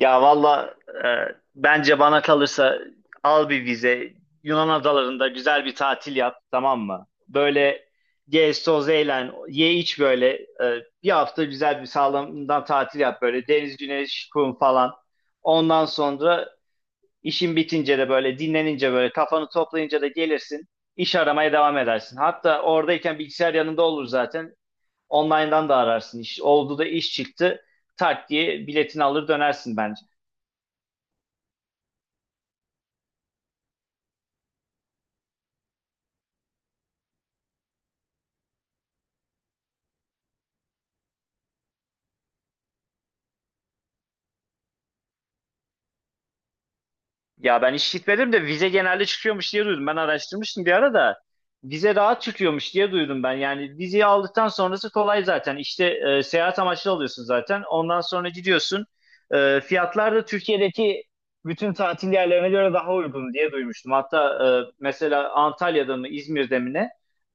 Ya valla, e, bence bana kalırsa al bir vize. Yunan adalarında güzel bir tatil yap, tamam mı? Böyle gez toz eğlen ye iç, böyle bir hafta güzel bir sağlamdan tatil yap, böyle deniz güneş kum falan. Ondan sonra işin bitince de, böyle dinlenince, böyle kafanı toplayınca da gelirsin, iş aramaya devam edersin. Hatta oradayken bilgisayar yanında olur zaten, online'dan da ararsın iş. Oldu da iş çıktı, tak diye biletini alır dönersin bence. Ya ben hiç gitmedim de vize genelde çıkıyormuş diye duydum. Ben araştırmıştım bir ara da, vize rahat çıkıyormuş diye duydum ben. Yani vizeyi aldıktan sonrası kolay zaten. İşte seyahat amaçlı alıyorsun zaten. Ondan sonra gidiyorsun. Fiyatlar da Türkiye'deki bütün tatil yerlerine göre daha uygun diye duymuştum. Hatta mesela Antalya'da mı İzmir'de mi ne?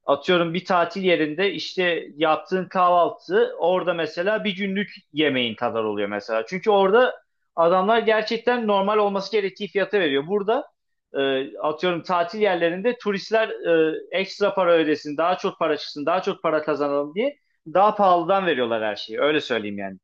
Atıyorum, bir tatil yerinde işte yaptığın kahvaltı orada mesela bir günlük yemeğin kadar oluyor mesela. Çünkü orada adamlar gerçekten normal olması gerektiği fiyata veriyor. Burada atıyorum tatil yerlerinde turistler ekstra para ödesin, daha çok para çıksın, daha çok para kazanalım diye daha pahalıdan veriyorlar her şeyi. Öyle söyleyeyim yani.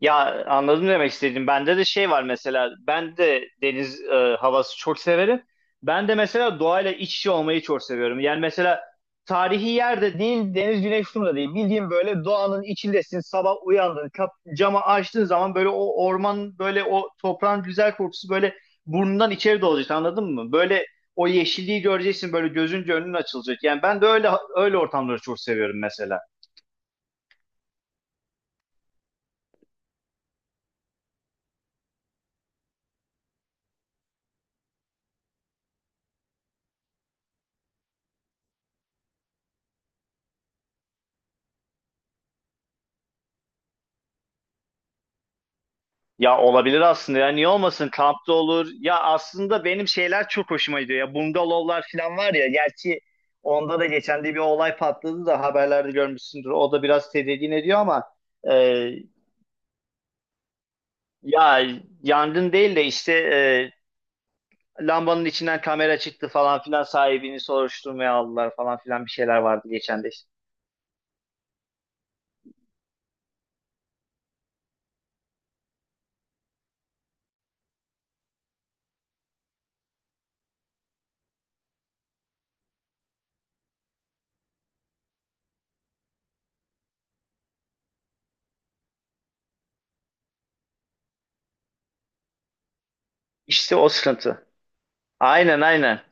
Ya anladım demek istediğim. Bende de şey var mesela. Ben de deniz havası çok severim. Ben de mesela doğayla iç içe olmayı çok seviyorum. Yani mesela tarihi yerde değil, deniz güneş şurada değil. Bildiğin böyle doğanın içindesin. Sabah uyandın, camı açtığın zaman böyle o orman, böyle o toprağın güzel kokusu böyle burnundan içeri dolacak. Anladın mı? Böyle o yeşilliği göreceksin, böyle gözünce önün açılacak. Yani ben de öyle ortamları çok seviyorum mesela. Ya olabilir aslında, ya niye olmasın, kampta olur. Ya aslında benim şeyler çok hoşuma gidiyor ya, bungalovlar falan var ya. Gerçi onda da geçen de bir olay patladı da, haberlerde görmüşsündür. O da biraz tedirgin ediyor ama e, ya yangın değil de işte lambanın içinden kamera çıktı falan filan, sahibini soruşturmaya aldılar falan filan, bir şeyler vardı geçen de işte. İşte o sıkıntı. Aynen, aynen.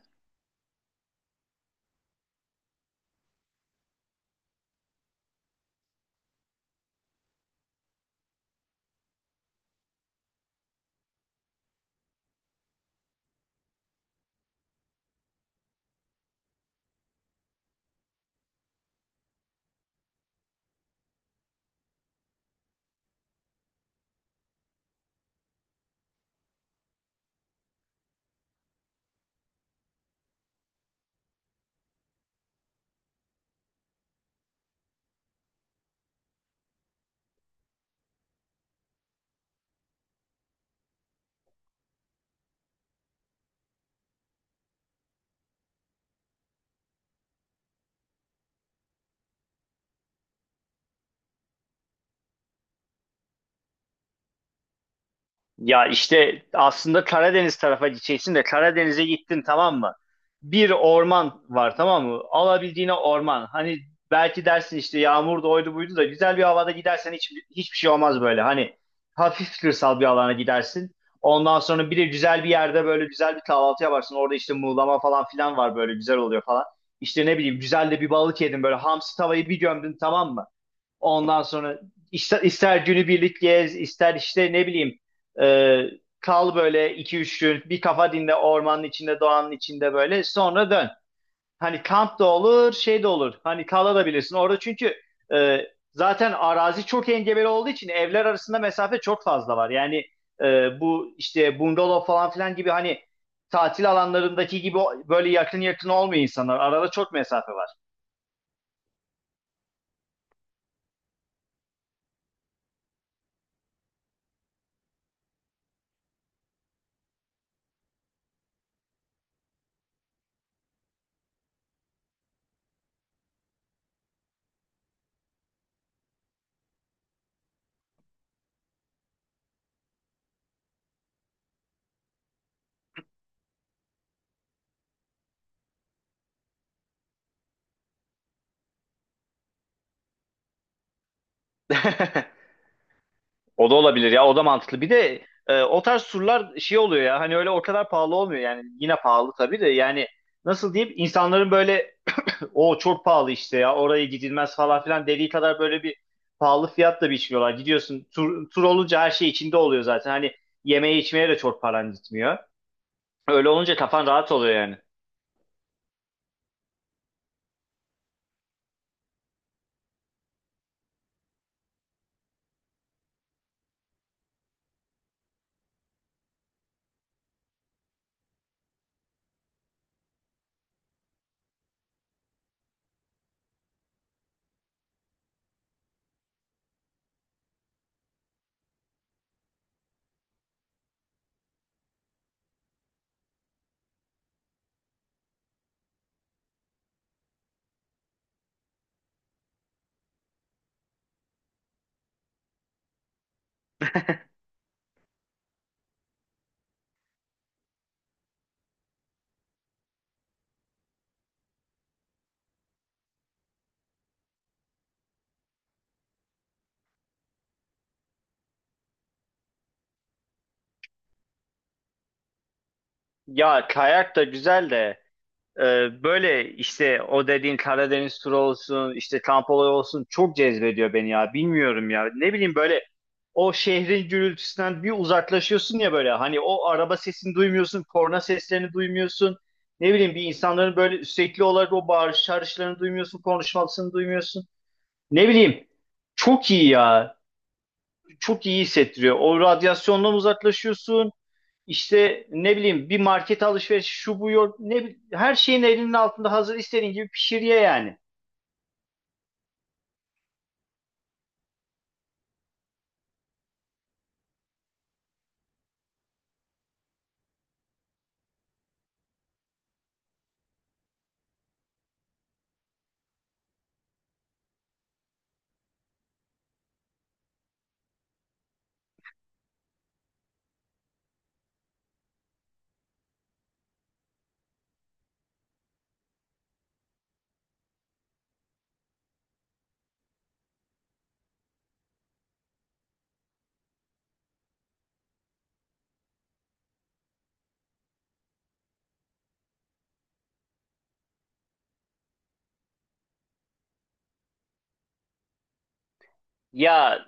Ya işte aslında Karadeniz tarafa gideceksin de, Karadeniz'e gittin, tamam mı? Bir orman var, tamam mı? Alabildiğine orman. Hani belki dersin işte yağmur da oydu buydu da, güzel bir havada gidersen hiçbir şey olmaz böyle. Hani hafif kırsal bir alana gidersin. Ondan sonra bir de güzel bir yerde böyle güzel bir kahvaltı yaparsın. Orada işte muğlama falan filan var, böyle güzel oluyor falan. İşte ne bileyim güzel de bir balık yedin, böyle hamsi tavayı bir gömdün, tamam mı? Ondan sonra ister günübirlik gez, ister işte ne bileyim e, kal böyle iki üç gün, bir kafa dinle ormanın içinde, doğanın içinde, böyle sonra dön. Hani kamp da olur, şey de olur. Hani kalabilirsin orada çünkü e, zaten arazi çok engebeli olduğu için evler arasında mesafe çok fazla var. Yani bu işte bungalov falan filan gibi, hani tatil alanlarındaki gibi böyle yakın yakın olmuyor insanlar. Arada çok mesafe var. O da olabilir ya, o da mantıklı. Bir de o tarz surlar şey oluyor ya, hani öyle o kadar pahalı olmuyor yani, yine pahalı tabii de, yani nasıl diyeyim, insanların böyle o çok pahalı işte, ya oraya gidilmez falan filan dediği kadar böyle bir pahalı fiyatla biçmiyorlar. Gidiyorsun, tur olunca her şey içinde oluyor zaten, hani yemeğe içmeye de çok paran gitmiyor. Öyle olunca kafan rahat oluyor yani. Ya kayak da güzel de, ee, böyle işte o dediğin Karadeniz turu olsun, işte kamp olayı olsun, çok cezbediyor beni ya. Bilmiyorum ya. Ne bileyim, böyle o şehrin gürültüsünden bir uzaklaşıyorsun ya böyle. Hani o araba sesini duymuyorsun, korna seslerini duymuyorsun. Ne bileyim bir insanların böyle sürekli olarak o bağırış çağrışlarını duymuyorsun, konuşmasını duymuyorsun. Ne bileyim, çok iyi ya. Çok iyi hissettiriyor. O radyasyondan uzaklaşıyorsun. İşte ne bileyim, bir market alışveriş şu bu yok, her şeyin elinin altında hazır, istediğin gibi pişir ye yani. Ya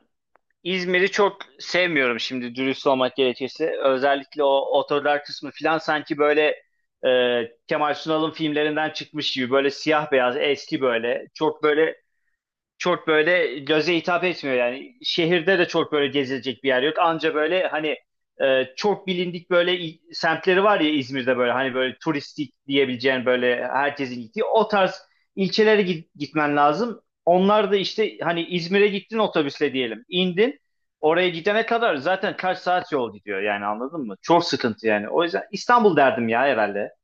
İzmir'i çok sevmiyorum şimdi, dürüst olmak gerekirse. Özellikle o otolar kısmı filan sanki böyle e, Kemal Sunal'ın filmlerinden çıkmış gibi, böyle siyah beyaz eski, böyle çok böyle çok böyle göze hitap etmiyor yani. Şehirde de çok böyle gezilecek bir yer yok. Anca böyle hani çok bilindik böyle semtleri var ya İzmir'de, böyle hani böyle turistik diyebileceğin, böyle herkesin gittiği o tarz ilçelere gitmen lazım. Onlar da işte hani İzmir'e gittin otobüsle diyelim, indin. Oraya gidene kadar zaten kaç saat yol gidiyor yani, anladın mı? Çok sıkıntı yani. O yüzden İstanbul derdim ya herhalde.